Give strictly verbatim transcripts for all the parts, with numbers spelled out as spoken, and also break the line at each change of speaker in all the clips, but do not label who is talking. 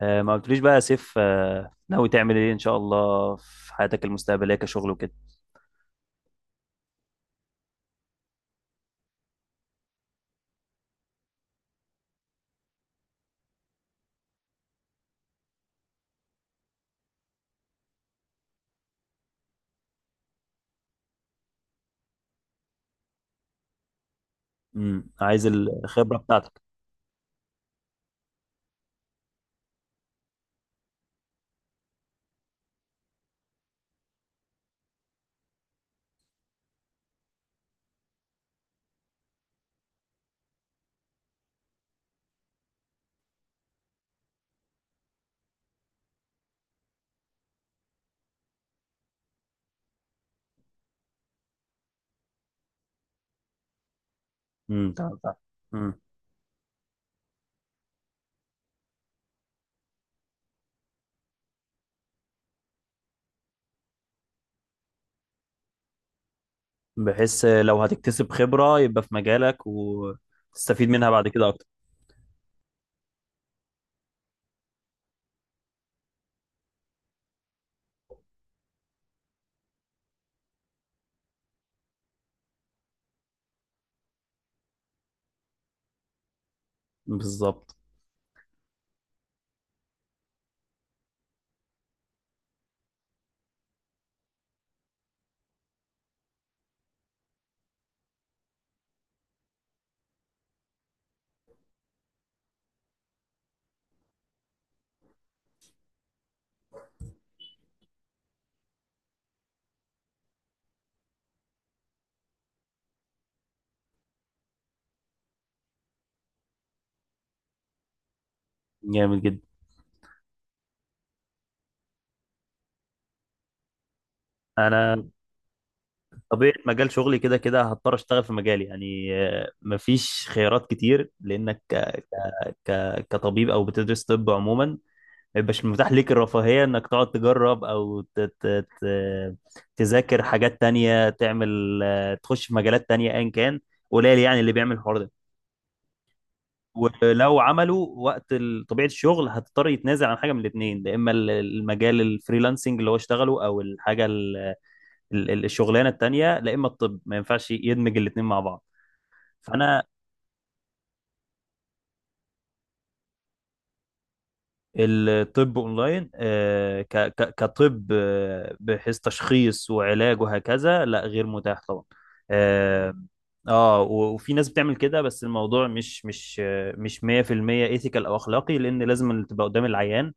آه، ما قلتليش بقى يا سيف، آه، ناوي تعمل ايه ان شاء الله في حياتك المستقبليه كشغل وكده؟ امم عايز الخبره بتاعتك. امم تمام، تمام. امم بحيث آه، لو هتكتسب خبره يبقى في مجالك وتستفيد منها بعد كده اكتر. بالظبط. جامد جدا. انا طبيعه مجال شغلي كده كده هضطر اشتغل في مجالي، يعني آه، مفيش خيارات كتير، لانك ك... ك... كطبيب او بتدرس طب عموما، ما يبقاش متاح ليك الرفاهية انك تقعد تجرب او ت- ت- ت- تذاكر حاجات تانية، تعمل آه، تخش في مجالات تانية ايا كان. قليل يعني اللي بيعمل الحوار ده. ولو عملوا، وقت ال- طبيعة الشغل هتضطر يتنازل عن حاجة من الاتنين، يا اما ال- المجال الفريلانسنج اللي هو اشتغله او الحاجة ال- ال- الشغلانة التانية، لا اما الطب ما ينفعش يدمج الاتنين مع بعض. فانا الطب اونلاين، آه، ك- ك- كطب، آه، بحيث تشخيص وعلاج وهكذا، لا غير متاح طبعا. اه، آه، و- وفي ناس بتعمل كده، بس الموضوع مش مش آه، مش مية في المية ايثيكال او اخلاقي، لان لازم اللي تبقى قدام العيان،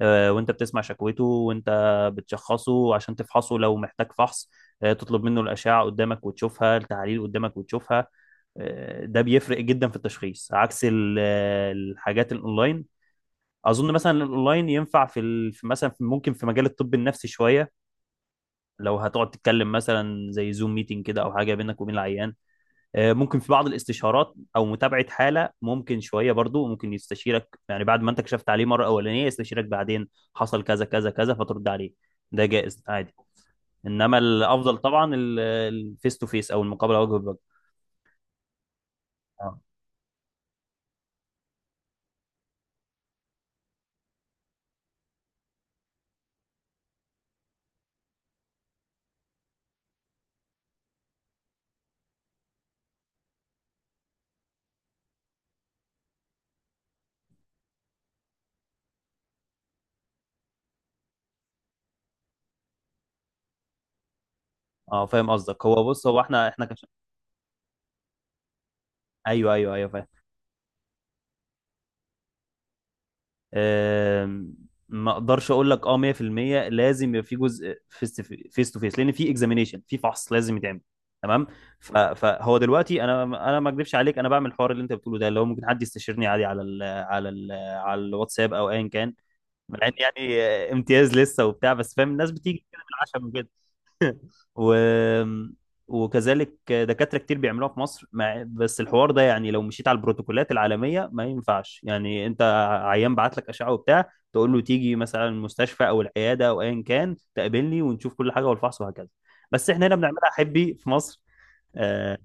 آه، وانت بتسمع شكوته، وانت بتشخصه عشان تفحصه لو محتاج فحص. آه، تطلب منه الاشعه قدامك وتشوفها، التحاليل قدامك وتشوفها. آه، ده بيفرق جدا في التشخيص، عكس ال- آه، الحاجات الاونلاين. اظن مثلا الاونلاين ينفع في ال... في مثلا في ممكن في مجال الطب النفسي شويه. لو هتقعد تتكلم مثلا زي زوم ميتنج كده، او حاجه بينك وبين العيان، آه، ممكن في بعض الاستشارات او متابعه حاله، ممكن شويه برضو، ممكن يستشيرك يعني بعد ما انت كشفت عليه مره اولانيه يستشيرك بعدين. حصل كذا كذا كذا، فترد عليه. ده جائز عادي. انما الافضل طبعا الفيس تو فيس، او المقابله وجه بوجه. اه، اه، فاهم قصدك. هو بص. هو احنا احنا كش... ايوه، ايوه، ايوه، فاهم. آم، ما اقدرش اقول لك اه مئة في المئة. لازم يبقى في جزء فيس تو فيس، لان في اكزامينيشن، في فحص لازم يتعمل. تمام. ف- فهو دلوقتي انا انا ما اكذبش عليك، انا بعمل الحوار اللي انت بتقوله ده، اللي هو ممكن حد يستشيرني عادي على ال على ال على الواتساب او ايا كان. مع ان يعني آه، امتياز لسه وبتاع، بس فاهم الناس بتيجي كده بالعشم وكده. و... وكذلك دكاترة كتير بيعملوها في مصر، مع... بس الحوار ده يعني لو مشيت على البروتوكولات العالمية ما ينفعش، يعني انت عيان بعت لك أشعة وبتاع، تقول له تيجي مثلا المستشفى او العيادة او ايا كان تقابلني ونشوف كل حاجة والفحص وهكذا. بس احنا هنا بنعملها حبي في مصر. آه،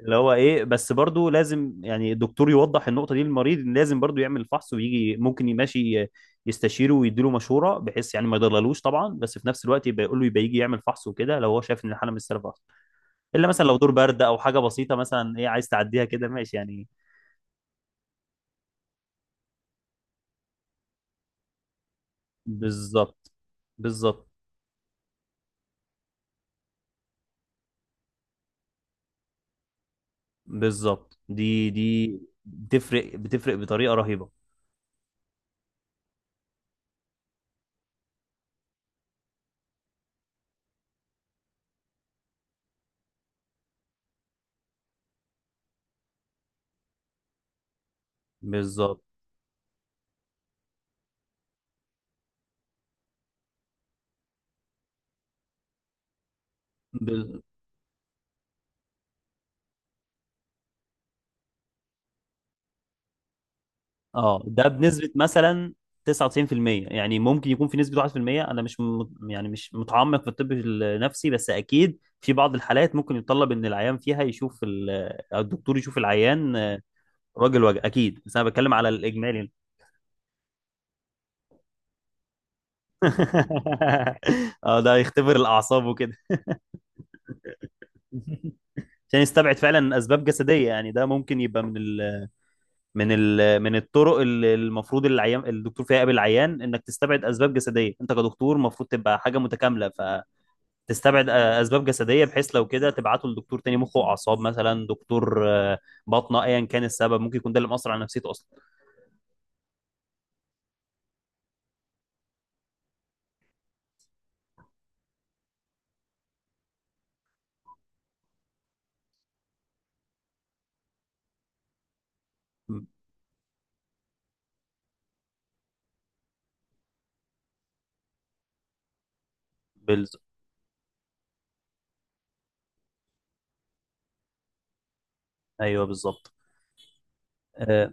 اللي هو ايه، بس برضو لازم يعني الدكتور يوضح النقطه دي للمريض إن لازم برضو يعمل الفحص ويجي، ممكن يمشي يستشيره ويديله مشوره، بحيث يعني ما يضللوش طبعا، بس في نفس الوقت يبقى يقول له يبقى يجي يعمل فحص وكده لو هو شايف ان الحاله مش سالبه اصلا. الا مثلا لو دور برد او حاجه بسيطه مثلا، ايه عايز تعديها كده ماشي يعني. بالظبط. بالظبط. بالظبط، دي دي بتفرق، بتفرق بطريقه رهيبه. بالظبط. ب- اه، ده بنسبة مثلا تسعة وتسعين في المية، يعني ممكن يكون في نسبة واحد في المية. انا مش م... يعني مش متعمق في الطب النفسي، بس اكيد في بعض الحالات ممكن يتطلب ان العيان فيها يشوف ال... أو الدكتور يشوف العيان، آه، راجل وجه. اكيد، بس انا بتكلم على الاجمالي. اه، ده يختبر الاعصاب وكده. عشان يستبعد فعلا اسباب جسديه، يعني ده ممكن يبقى من ال من ال من الطرق اللي المفروض العيان الدكتور فيها يقابل العيان، انك تستبعد اسباب جسديه، انت كدكتور المفروض تبقى حاجه متكامله. ف تستبعد آه، اسباب جسديه، بحيث لو كده تبعته لدكتور تاني مخ واعصاب مثلا، دكتور آه، باطنه، ايا كان السبب ممكن يكون ده اللي مأثر على نفسيته اصلا. بالز... ايوه، بالظبط. آه،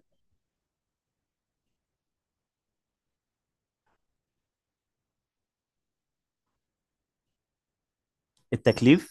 التكليف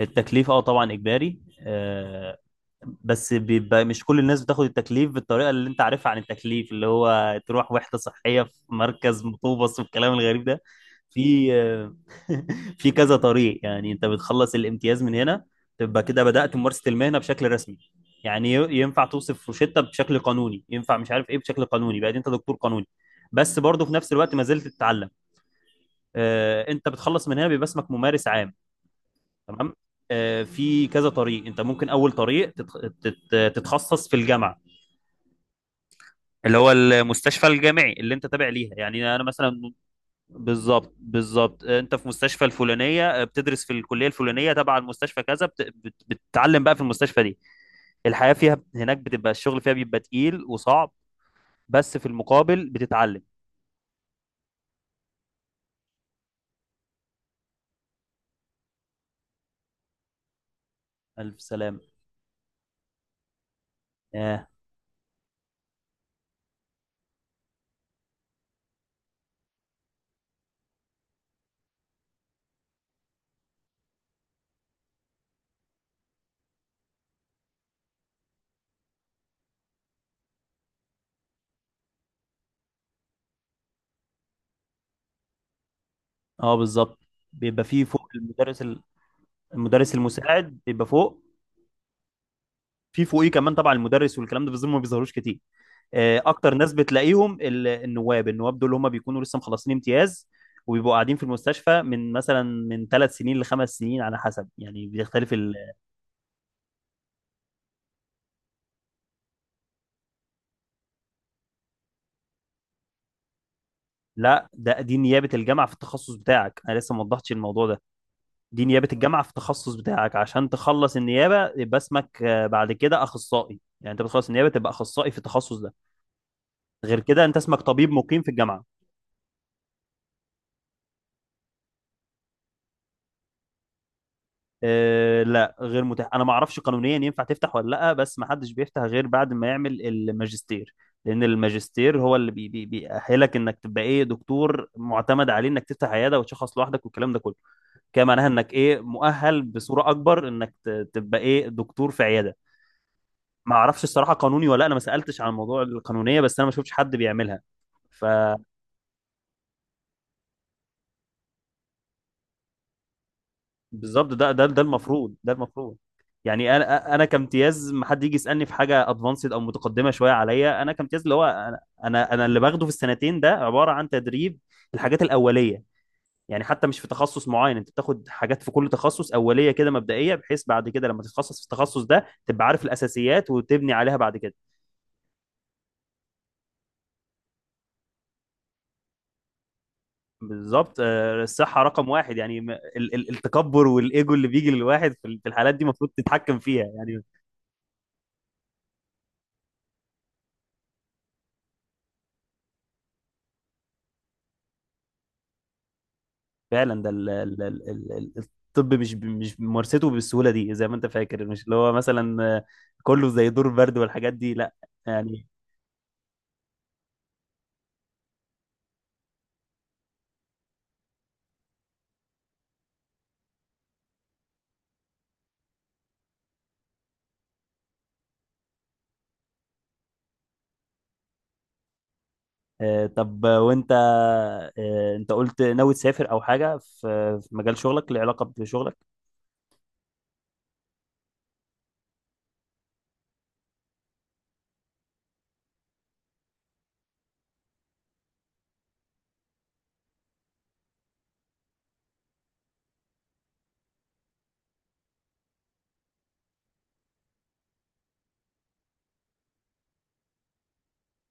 التكليف اه طبعا اجباري، آه، بس بيبقى مش كل الناس بتاخد التكليف بالطريقه اللي انت عارفها عن التكليف، اللي هو تروح وحده صحيه في مركز مطوبس والكلام الغريب ده. في آه، في كذا طريق، يعني انت بتخلص الامتياز من هنا، تبقى كده بدأت ممارسه المهنه بشكل رسمي، يعني ي- ينفع توصف روشتة بشكل قانوني، ينفع مش عارف ايه بشكل قانوني، بقى انت دكتور قانوني. بس برضه في نفس الوقت ما زلت تتعلم. آه، انت بتخلص من هنا بيبقى اسمك ممارس عام. تمام. آه، في كذا طريق انت ممكن، اول طريق تتخ- تت- تتخصص في الجامعه، اللي هو المستشفى الجامعي اللي انت تابع ليها، يعني انا مثلا. بالظبط، بالظبط. آه، انت في مستشفى الفلانيه، آه، بتدرس في الكليه الفلانيه تبع المستشفى كذا، بت... بت... بتتعلم بقى في المستشفى دي. الحياه فيها هناك بتبقى، الشغل فيها بيبقى تقيل وصعب، بس في المقابل بتتعلم. الف سلام. اه، اه، بالظبط، بيبقى فيه فوق المدرس ال- المدرس المساعد بيبقى فوق، في فوقيه كمان طبعا المدرس والكلام ده، بس دول ما بيظهروش كتير. آه، اكتر ناس بتلاقيهم ال- النواب، النواب دول هم بيكونوا لسه مخلصين امتياز، وبيبقوا قاعدين في المستشفى من مثلا، من ثلاث سنين لخمس سنين، على حسب، يعني بيختلف ال... لا، ده دي نيابة الجامعة في التخصص بتاعك، انا لسه ما وضحتش الموضوع ده. دي نيابة الجامعة في التخصص بتاعك، عشان تخلص النيابة يبقى اسمك آه، بعد كده اخصائي، يعني انت بتخلص النيابة تبقى اخصائي في التخصص ده. غير كده انت اسمك طبيب مقيم في الجامعة. آه، لا، غير متاح. انا ما اعرفش قانونيا ينفع تفتح ولا لا، بس ما حدش بيفتح غير بعد ما يعمل الماجستير، لان الماجستير هو اللي بي بي بيأهلك انك تبقى ايه دكتور معتمد عليه انك تفتح عياده وتشخص لوحدك والكلام ده كله. كده معناها انك ايه مؤهل بصوره اكبر، انك ت- تبقى ايه دكتور في عياده. ما اعرفش الصراحه قانوني ولا لأ، انا ما سالتش عن موضوع القانونيه، بس انا ما شفتش حد بيعملها. ف بالظبط، ده ده ده المفروض، ده المفروض يعني، انا انا كامتياز ما حد يجي يسالني في حاجه ادفانسد او متقدمه شويه عليا. انا كامتياز، اللي هو انا انا أنا اللي باخده في السنتين ده عباره عن تدريب. الحاجات الاوليه. يعني حتى مش في تخصص معين، انت بتاخد حاجات في كل تخصص اوليه كده مبدئيه، بحيث بعد كده لما تتخصص في التخصص ده تبقى عارف الاساسيات وتبني عليها بعد كده. بالظبط. آه، الصحه رقم واحد، يعني م- ال- ال- التكبر والايجو اللي بيجي للواحد في ال- في الحالات دي المفروض تتحكم فيها يعني. فعلا. ده ال ال ال ال ال- الطب مش ب- مش ممارسته بالسهوله دي زي ما انت فاكر، مش اللي هو مثلا آه، كله زي دور برد والحاجات دي، لا. يعني آه، طب وانت آه، انت قلت ناوي تسافر او حاجه في في مجال شغلك له علاقه بشغلك؟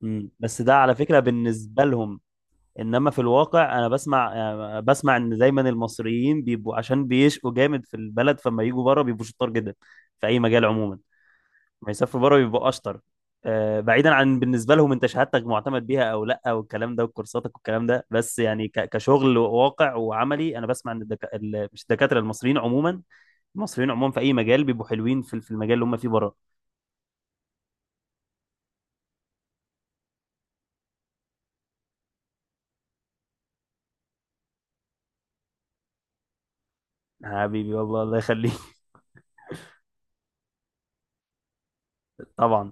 مم. بس ده على فكره بالنسبه لهم، انما في الواقع انا بسمع آه، بسمع ان دايما المصريين بيبقوا عشان بيشقوا جامد في البلد، فما يجوا بره بيبقوا شطار جدا في اي مجال عموما، ما يسافروا بره بيبقوا اشطر. آه، بعيدا عن بالنسبه لهم انت شهادتك معتمد بيها او لا والكلام ده وكورساتك والكلام ده، بس يعني ك- كشغل واقع وعملي، انا بسمع ان الدكا... ال- مش الدكاتره المصريين عموما، المصريين عموما في اي مجال بيبقوا حلوين في في المجال اللي هم فيه بره. آه، حبيبي، والله الله يخليك. طبعا.